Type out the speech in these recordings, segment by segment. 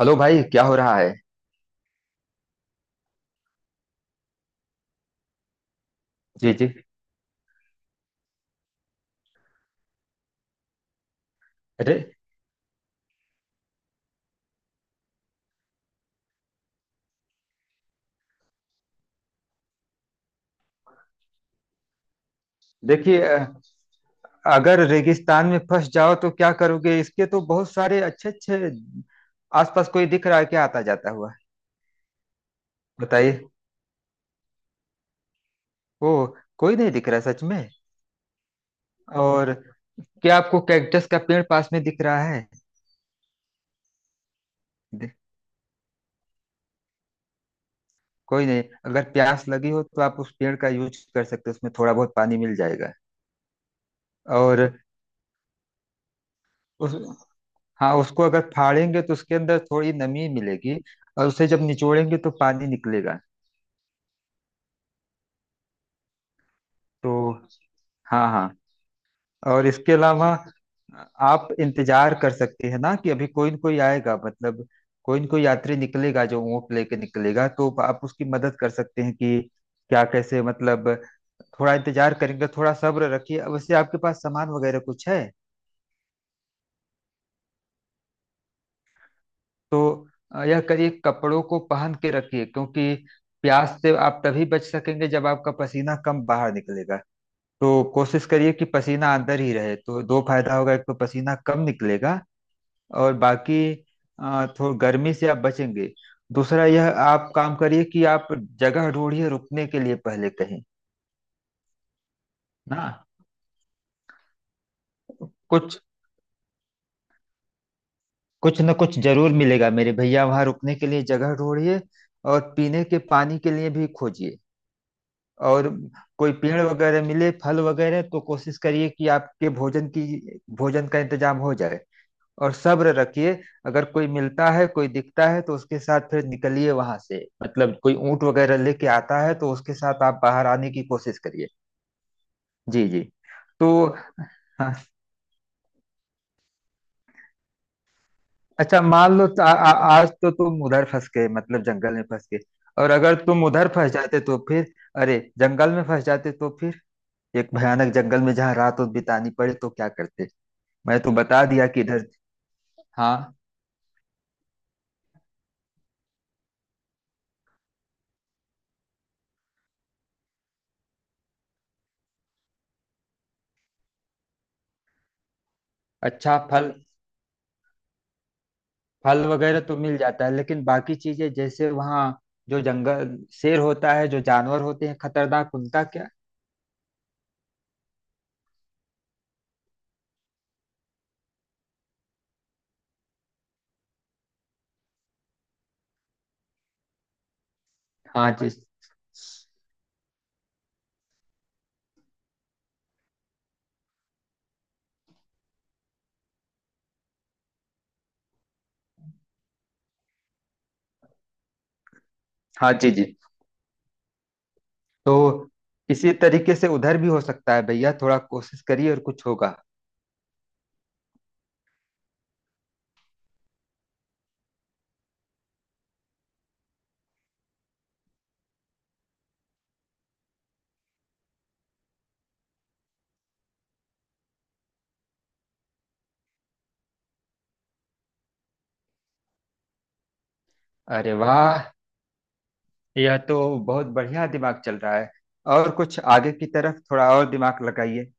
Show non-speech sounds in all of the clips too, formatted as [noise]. Hello भाई, क्या हो रहा है? जी, जी। अरे, देखिए, अगर रेगिस्तान में फंस जाओ तो क्या करोगे? इसके तो बहुत सारे अच्छे अच्छे। आसपास कोई दिख रहा है क्या, आता जाता हुआ? बताइए। ओ, कोई नहीं दिख रहा सच में? और क्या आपको कैक्टस का पेड़ पास में दिख रहा है? दे- कोई नहीं, अगर प्यास लगी हो तो आप उस पेड़ का यूज कर सकते हो, उसमें थोड़ा बहुत पानी मिल जाएगा। और उस हाँ, उसको अगर फाड़ेंगे तो उसके अंदर थोड़ी नमी मिलेगी और उसे जब निचोड़ेंगे तो पानी निकलेगा। तो हाँ, हाँ। और इसके अलावा आप इंतजार कर सकते हैं ना कि अभी कोई न कोई आएगा, मतलब कोई न कोई यात्री निकलेगा जो ऊँट लेके निकलेगा तो आप उसकी मदद कर सकते हैं कि क्या कैसे, मतलब थोड़ा इंतजार करेंगे, थोड़ा सब्र रखिए। अब वैसे आपके पास सामान वगैरह कुछ है तो यह करिए, कपड़ों को पहन के रखिए, क्योंकि प्यास से आप तभी बच सकेंगे जब आपका पसीना कम बाहर निकलेगा। तो कोशिश करिए कि पसीना अंदर ही रहे, तो दो फायदा होगा, एक तो पसीना कम निकलेगा और बाकी थोड़ा गर्मी से आप बचेंगे। दूसरा यह आप काम करिए कि आप जगह ढूंढिए रुकने के लिए पहले कहीं, ना कुछ कुछ न कुछ जरूर मिलेगा मेरे भैया, वहां रुकने के लिए जगह ढूंढिए और पीने के पानी के लिए भी खोजिए। और कोई पेड़ वगैरह मिले, फल वगैरह, तो कोशिश करिए कि आपके भोजन का इंतजाम हो जाए। और सब्र रखिए। अगर कोई मिलता है, कोई दिखता है, तो उसके साथ फिर निकलिए वहां से, मतलब कोई ऊंट वगैरह लेके आता है तो उसके साथ आप बाहर आने की कोशिश करिए। जी, जी। तो हाँ। अच्छा, मान लो तो आ, आ, आज तो तुम उधर फंस गए, मतलब जंगल में फंस गए। और अगर तुम उधर फंस जाते तो फिर, अरे, जंगल में फंस जाते तो फिर, एक भयानक जंगल में जहाँ रात उत बितानी पड़े, तो क्या करते? मैं तो बता दिया कि इधर। हाँ, अच्छा। फल फल वगैरह तो मिल जाता है, लेकिन बाकी चीजें जैसे वहाँ जो जंगल शेर होता है, जो जानवर होते हैं खतरनाक, उनका क्या? हाँ जी, हाँ जी, जी। तो इसी तरीके से उधर भी हो सकता है भैया, थोड़ा कोशिश करिए और कुछ होगा। अरे वाह, यह तो बहुत बढ़िया, दिमाग चल रहा है। और कुछ आगे की तरफ थोड़ा और दिमाग लगाइए।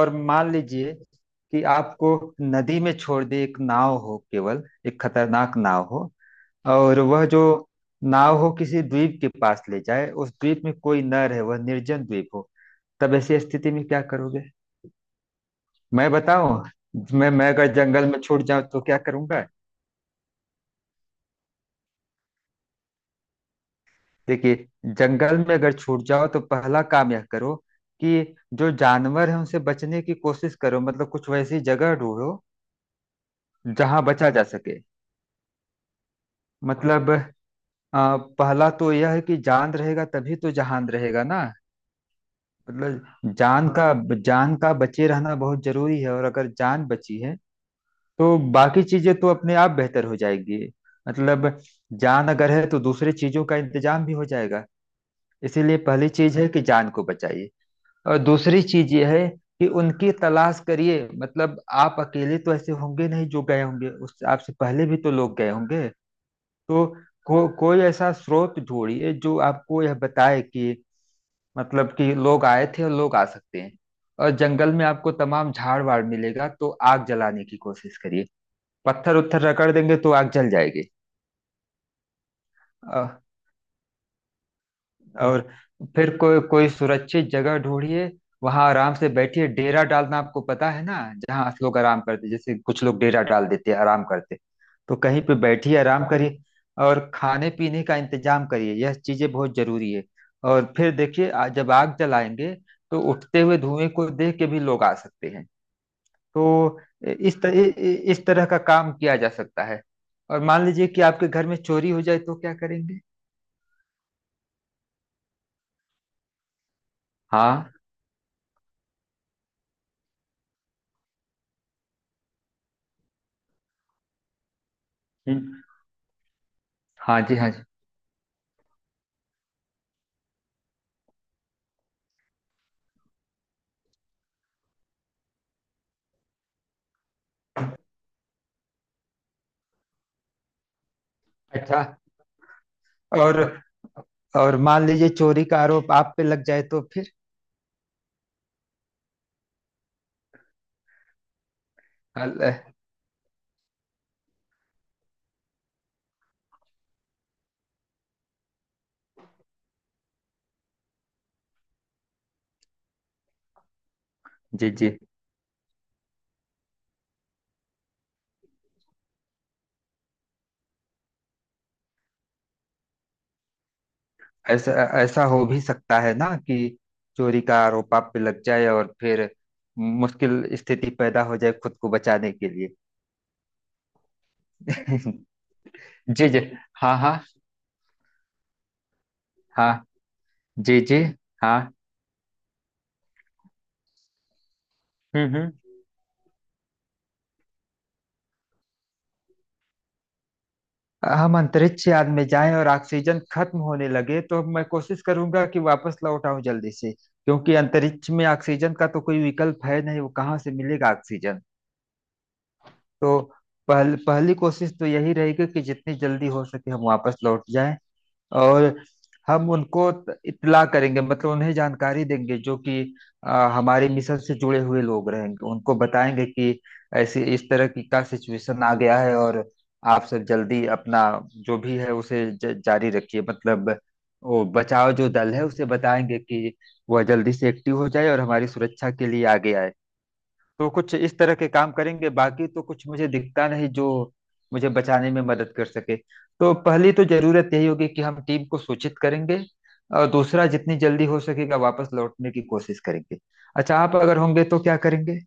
और मान लीजिए कि आपको नदी में छोड़ दे, एक नाव हो, केवल एक खतरनाक नाव हो, और वह जो नाव हो किसी द्वीप के पास ले जाए, उस द्वीप में कोई न रहे, वह निर्जन द्वीप हो। तब ऐसी स्थिति में क्या करोगे? मैं बताऊं, मैं अगर जंगल में छूट जाऊं तो क्या करूंगा। देखिए, जंगल में अगर छूट जाओ तो पहला काम यह करो कि जो जानवर है उनसे बचने की कोशिश करो, मतलब कुछ वैसी जगह ढूंढो जहां बचा जा सके। मतलब पहला तो यह है कि जान रहेगा तभी तो जहान रहेगा ना। मतलब जान का बचे रहना बहुत जरूरी है, और अगर जान बची है तो बाकी चीजें तो अपने आप बेहतर हो जाएगी। मतलब जान अगर है तो दूसरी चीजों का इंतजाम भी हो जाएगा। इसीलिए पहली चीज है कि जान को बचाइए। और दूसरी चीज ये है कि उनकी तलाश करिए, मतलब आप अकेले तो ऐसे होंगे नहीं, जो गए होंगे उस आपसे पहले भी तो लोग गए होंगे। तो कोई ऐसा स्रोत ढूंढिए जो आपको यह बताए कि, मतलब कि लोग आए थे और लोग आ सकते हैं। और जंगल में आपको तमाम झाड़ वाड़ मिलेगा तो आग जलाने की कोशिश करिए, पत्थर उत्थर रगड़ देंगे तो आग जल जाएगी। अ, और फिर कोई, कोई सुरक्षित जगह ढूंढिए, वहां आराम से बैठिए। डेरा डालना आपको पता है ना, जहाँ लोग आराम करते, जैसे कुछ लोग डेरा डाल देते हैं आराम करते। तो कहीं पे बैठिए आराम करिए, और खाने पीने का इंतजाम करिए, यह चीजें बहुत जरूरी है। और फिर देखिए जब आग जलाएंगे तो उठते हुए धुएं को देख के भी लोग आ सकते हैं। तो इस तरह, इस तरह का काम किया जा सकता है। और मान लीजिए कि आपके घर में चोरी हो जाए तो क्या करेंगे? हाँ। हम्म। हाँ जी, हाँ जी। अच्छा। और और मान लीजिए चोरी का आरोप आप पे लग जाए, तो फिर? अल- जी, जी। ऐसा ऐसा हो भी सकता है ना कि चोरी का आरोप आप पे लग जाए और फिर मुश्किल स्थिति पैदा हो जाए खुद को बचाने के लिए। [laughs] जी, जी। हाँ, हाँ, हाँ। जी, जी। हाँ। हम्म, हम्म। हम अंतरिक्ष यान में जाएं और ऑक्सीजन खत्म होने लगे, तो मैं कोशिश करूंगा कि वापस लौट आऊं जल्दी से, क्योंकि अंतरिक्ष में ऑक्सीजन का तो कोई विकल्प है नहीं, वो कहाँ से मिलेगा ऑक्सीजन? तो पहली कोशिश तो यही रहेगी कि जितनी जल्दी हो सके हम वापस लौट जाएं। और हम उनको इत्तला करेंगे, मतलब उन्हें जानकारी देंगे, जो कि हमारे मिशन से जुड़े हुए लोग रहेंगे, उनको बताएंगे कि ऐसे इस तरह की का सिचुएशन आ गया है, और आप सब जल्दी अपना जो भी है उसे जारी रखिए, मतलब वो बचाव जो दल है उसे बताएंगे कि वह जल्दी से एक्टिव हो जाए और हमारी सुरक्षा के लिए आगे आए। तो कुछ इस तरह के काम करेंगे, बाकी तो कुछ मुझे दिखता नहीं जो मुझे बचाने में मदद कर सके। तो पहली तो जरूरत यही होगी कि हम टीम को सूचित करेंगे, और दूसरा जितनी जल्दी हो सकेगा वापस लौटने की कोशिश करेंगे। अच्छा, आप अगर होंगे तो क्या करेंगे?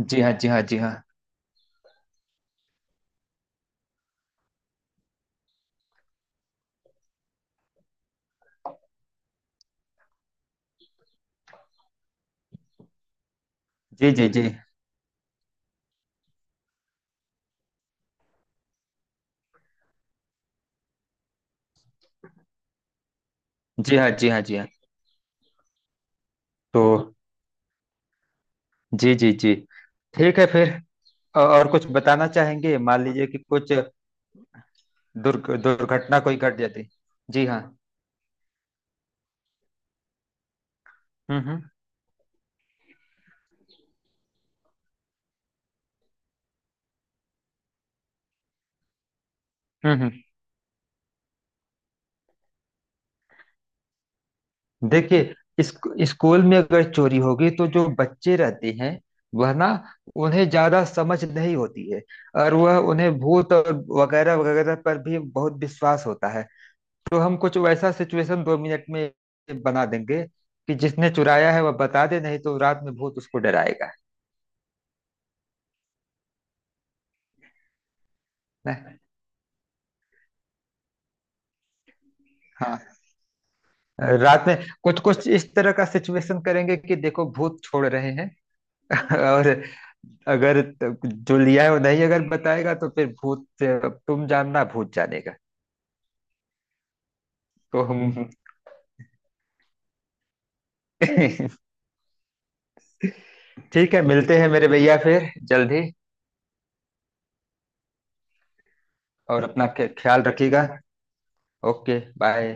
जी हाँ, जी हाँ, जी हाँ। जी, जी, जी। जी हाँ, जी हाँ, जी हाँ। तो जी, जी, जी। ठीक है फिर, और कुछ बताना चाहेंगे, मान लीजिए कि कुछ दुर्घटना कोई घट जाती? जी हाँ। हम्म, हम्म। हम्म, देखिए, स्कूल में अगर चोरी होगी, तो जो बच्चे रहते हैं वह ना, उन्हें ज्यादा समझ नहीं होती है, और वह, उन्हें भूत और वगैरह वगैरह पर भी बहुत विश्वास होता है। तो हम कुछ वैसा सिचुएशन 2 मिनट में बना देंगे कि जिसने चुराया है वह बता दे, नहीं तो रात में भूत उसको डराएगा। ना? हाँ, रात में कुछ कुछ इस तरह का सिचुएशन करेंगे कि देखो भूत छोड़ रहे हैं, और अगर जो लिया है वो नहीं अगर बताएगा तो फिर भूत, तुम जानना भूत जानेगा। तो हम [laughs] ठीक है, मिलते हैं मेरे भैया फिर जल्दी, और अपना ख्याल रखिएगा। Okay, bye.